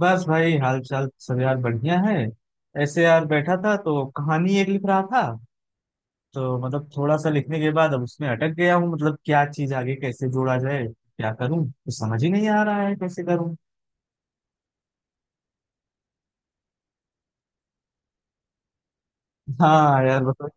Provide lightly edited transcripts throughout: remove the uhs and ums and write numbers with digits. बस भाई हाल चाल सब यार बढ़िया है। ऐसे यार बैठा था तो कहानी एक लिख रहा था। तो मतलब थोड़ा सा लिखने के बाद अब उसमें अटक गया हूँ, मतलब क्या चीज आगे कैसे जोड़ा जाए, क्या करूँ, कुछ समझ ही नहीं आ रहा है कैसे करूँ। हाँ यार, बताओ।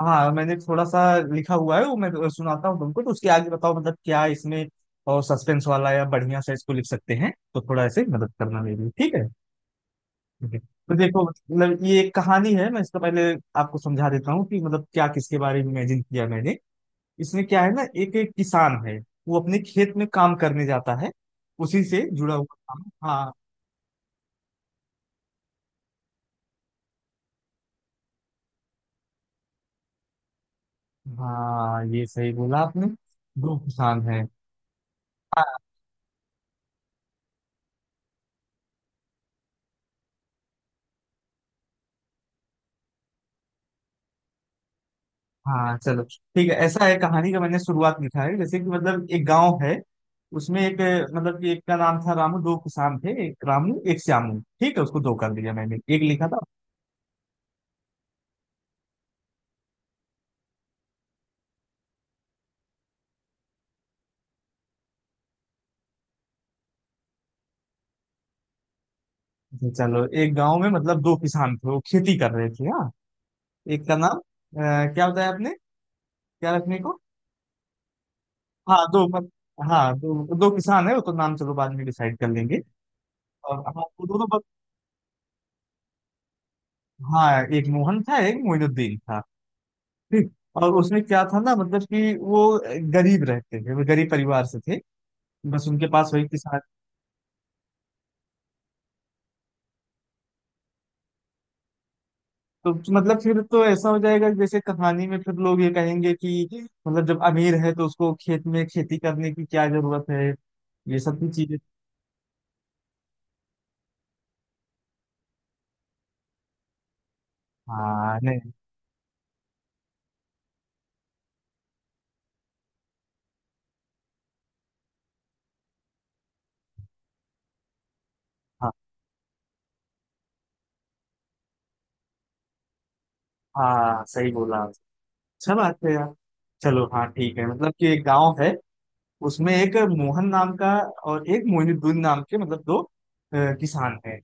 हाँ मैंने थोड़ा सा लिखा हुआ है, वो मैं तो सुनाता हूँ तुमको, तो उसके आगे बताओ मतलब क्या इसमें और सस्पेंस वाला या बढ़िया सा इसको लिख सकते हैं, तो थोड़ा ऐसे मदद करना मेरी, ठीक है। ठीक है। तो देखो मतलब ये एक कहानी है, मैं इसको पहले आपको समझा देता हूँ कि मतलब क्या, किसके बारे में इमेजिन किया मैंने। इसमें क्या है ना, एक एक किसान है। वो अपने खेत में काम करने जाता है। उसी से जुड़ा हुआ काम। हाँ हाँ, ये सही बोला आपने। दो किसान है। हाँ हाँ, चलो ठीक है। ऐसा है कहानी का, मैंने शुरुआत लिखा है जैसे कि मतलब एक गांव है, उसमें एक मतलब कि एक का नाम था रामू, दो किसान थे, एक रामू एक श्यामू, ठीक है, उसको दो कर दिया मैंने, एक लिखा था। अच्छा, चलो एक गांव में मतलब दो किसान थे, वो खेती कर रहे थे, हाँ। एक का नाम क्या बताया आपने, क्या रखने को। हाँ दो मत, हाँ दो दो किसान है, वो तो नाम चलो बाद में डिसाइड कर लेंगे। और हाँ, वो दोनों बस, हाँ एक मोहन था एक मोइनुद्दीन था। ठीक। और उसमें क्या था ना, मतलब कि वो गरीब रहते थे, वो गरीब परिवार से थे। बस उनके पास वही किसान। तो मतलब फिर तो ऐसा हो जाएगा जैसे कहानी में फिर लोग ये कहेंगे कि मतलब जब अमीर है तो उसको खेत में खेती करने की क्या जरूरत है, ये सब भी चीजें। हाँ नहीं। हाँ हाँ, सही बोला आप। अच्छा बात है यार। चलो, हाँ ठीक है, मतलब कि एक गांव है, उसमें एक मोहन नाम का और एक मोहिनुद्दीन नाम के, मतलब दो किसान हैं।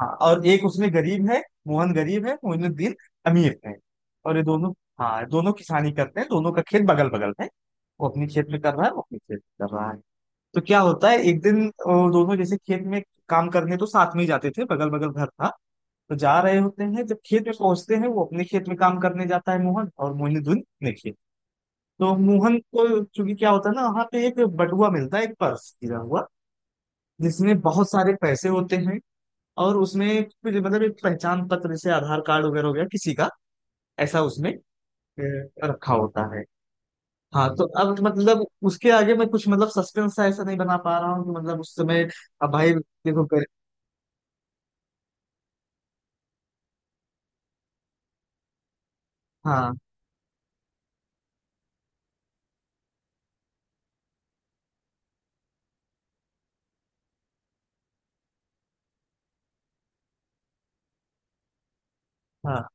हाँ, और एक उसमें गरीब है, मोहन गरीब है, मोहिनुद्दीन अमीर है। और ये दोनों, हाँ दोनों किसानी करते हैं, दोनों का खेत बगल बगल है। वो अपने खेत में कर रहा है, वो अपने खेत में कर रहा है। तो क्या होता है एक दिन दोनों जैसे खेत में काम करने तो साथ में ही जाते थे, बगल बगल घर था। तो जा रहे होते हैं, जब खेत में पहुंचते हैं, वो अपने खेत में काम करने जाता है मोहन और मोहिनीदुन अपने खेत। तो मोहन को चूंकि क्या होता है ना, वहाँ पे एक बटुआ मिलता है, एक पर्स गिरा हुआ जिसमें बहुत सारे पैसे होते हैं। और उसमें कुछ मतलब एक पहचान पत्र जैसे आधार कार्ड वगैरह हो गया किसी का, ऐसा उसमें अ, रखा होता है। हाँ तो अब मतलब उसके आगे मैं कुछ मतलब सस्पेंस ऐसा नहीं बना पा रहा हूँ कि मतलब उस समय। अब भाई देखो। हाँ हाँ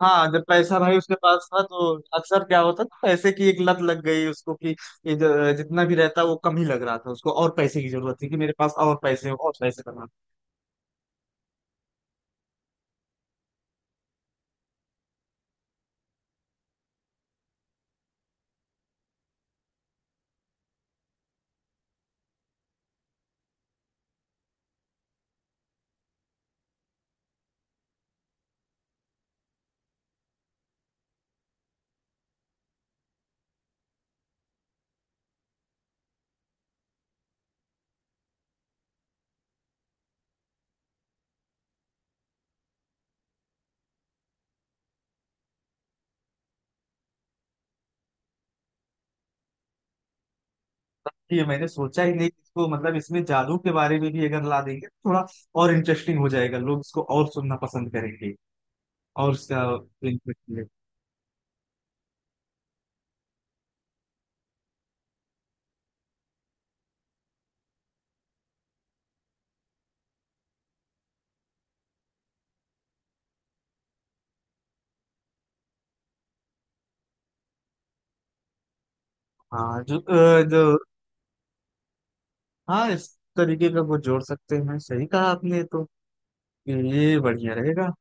हाँ। जब पैसा भाई उसके पास था तो अक्सर क्या होता था, पैसे की एक लत लग गई उसको कि ये जितना भी रहता वो कम ही लग रहा था उसको, और पैसे की जरूरत थी कि मेरे पास और पैसे हो और पैसे कमा। ये मैंने सोचा ही नहीं कि इसको मतलब इसमें जादू के बारे में भी अगर ला देंगे तो थोड़ा और इंटरेस्टिंग हो जाएगा, लोग इसको और सुनना पसंद करेंगे और उसका benefit लेंगे। हाँ जो। हाँ इस तरीके का वो जोड़ सकते हैं, सही कहा आपने। तो ये बढ़िया रहेगा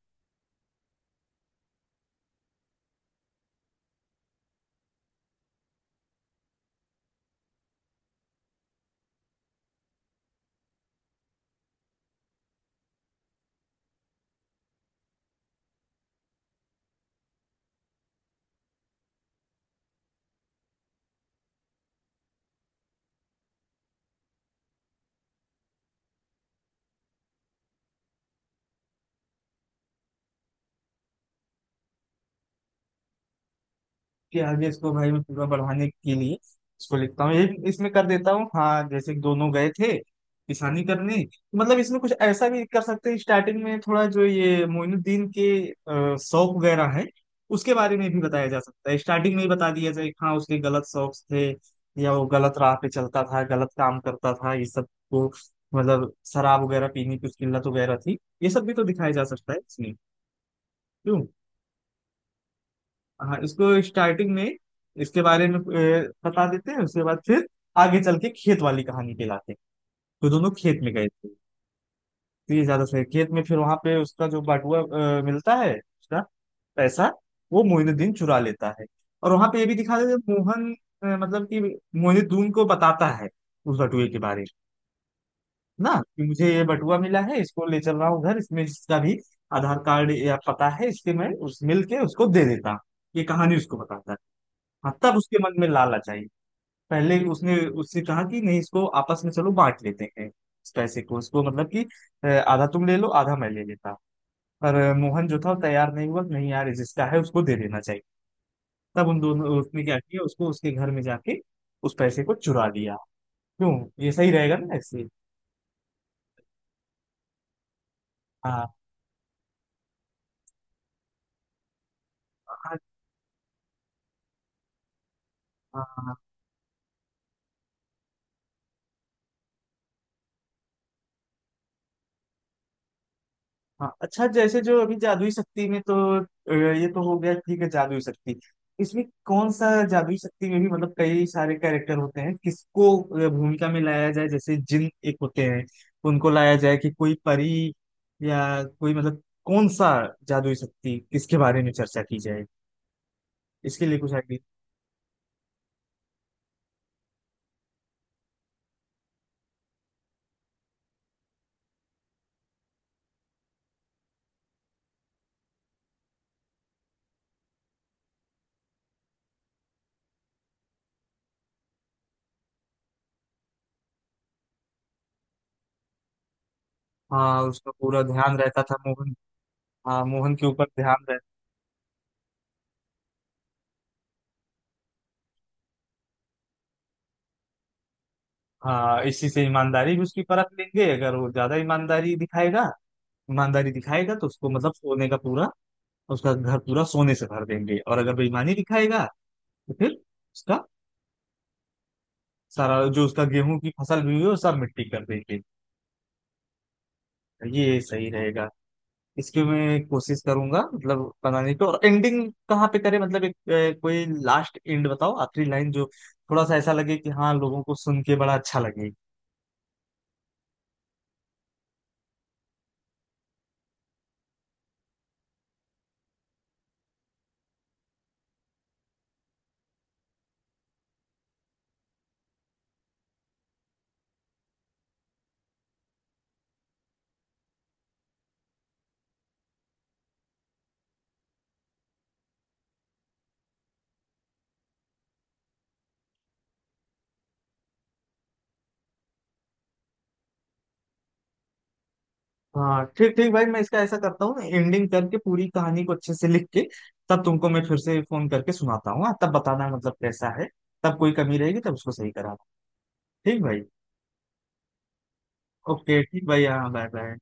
कि आगे इसको भाई मैं पूरा बढ़ाने के लिए इसको लिखता हूँ, यही इसमें कर देता हूँ। हाँ जैसे कि दोनों गए थे किसानी करने। मतलब इसमें कुछ ऐसा भी कर सकते हैं, स्टार्टिंग में थोड़ा जो ये मोइनुद्दीन के शौक वगैरह है, उसके बारे में भी बताया जा सकता है, स्टार्टिंग में ही बता दिया जाए कि हाँ उसके गलत शौक थे या वो गलत राह पे चलता था, गलत काम करता था, ये सब को मतलब शराब वगैरह पीने की उसकी लत वगैरह थी, ये सब भी तो दिखाया जा सकता है इसमें, क्यों। हाँ इसको स्टार्टिंग में इसके बारे में बता देते हैं, उसके बाद फिर आगे चल के खेत वाली कहानी पे लाते हैं। तो दोनों खेत में गए थे, तो ये ज्यादा सही है। खेत में फिर वहां पे उसका जो बटुआ मिलता है, उसका पैसा वो मोइनुद्दीन चुरा लेता है। और वहां पे ये भी दिखा देते हैं, मोहन मतलब कि मोइनुद्दीन को बताता है उस बटुए के बारे में, ना कि मुझे ये बटुआ मिला है, इसको ले चल रहा हूँ घर, इसमें इसका भी आधार कार्ड या पता है इसके, मैं उस मिल के उसको दे देता हूँ। ये कहानी उसको बताता है। हाँ तब उसके मन में लालच आई। पहले उसने उससे कहा कि नहीं इसको आपस में चलो बांट लेते हैं इस पैसे को, इसको मतलब कि आधा तुम ले लो आधा मैं ले लेता। पर मोहन जो था वो तैयार नहीं हुआ, नहीं यार जिसका है उसको दे देना चाहिए। तब उन दोनों उसने क्या किया, उसको उसके घर में जाके उस पैसे को चुरा लिया, क्यों, ये सही रहेगा ना ऐसे। हाँ हाँ हाँ। अच्छा जैसे जो अभी जादुई शक्ति में तो अ, ये तो हो गया ठीक है, जादुई शक्ति इसमें कौन सा जादुई शक्ति में भी मतलब कई सारे कैरेक्टर होते हैं, किसको भूमिका में लाया जाए, जैसे जिन एक होते हैं उनको लाया जाए, कि कोई परी या कोई मतलब कौन सा जादुई शक्ति किसके बारे में चर्चा की जाए, इसके लिए कुछ आइडिया। हाँ उसका पूरा ध्यान रहता था मोहन। हाँ मोहन के ऊपर ध्यान रहता। हाँ इसी से ईमानदारी भी उसकी परख लेंगे, अगर वो ज्यादा ईमानदारी दिखाएगा, ईमानदारी दिखाएगा तो उसको मतलब सोने का पूरा उसका घर पूरा सोने से भर देंगे, और अगर बेईमानी दिखाएगा तो फिर उसका सारा जो उसका गेहूं की फसल भी हुई है वो सब मिट्टी कर देंगे। तो ये सही रहेगा, इसकी मैं कोशिश करूंगा मतलब बनाने की। और एंडिंग कहाँ पे करें, मतलब एक कोई लास्ट एंड बताओ, आखिरी लाइन जो थोड़ा सा ऐसा लगे कि हाँ, लोगों को सुन के बड़ा अच्छा लगे। हाँ ठीक ठीक भाई, मैं इसका ऐसा करता हूँ, एंडिंग करके पूरी कहानी को अच्छे से लिख के तब तुमको मैं फिर से फोन करके सुनाता हूँ, हाँ, तब बताना मतलब कैसा है, तब कोई कमी रहेगी तब उसको सही कराना। ठीक भाई। ओके, ठीक भाई, हाँ बाय बाय।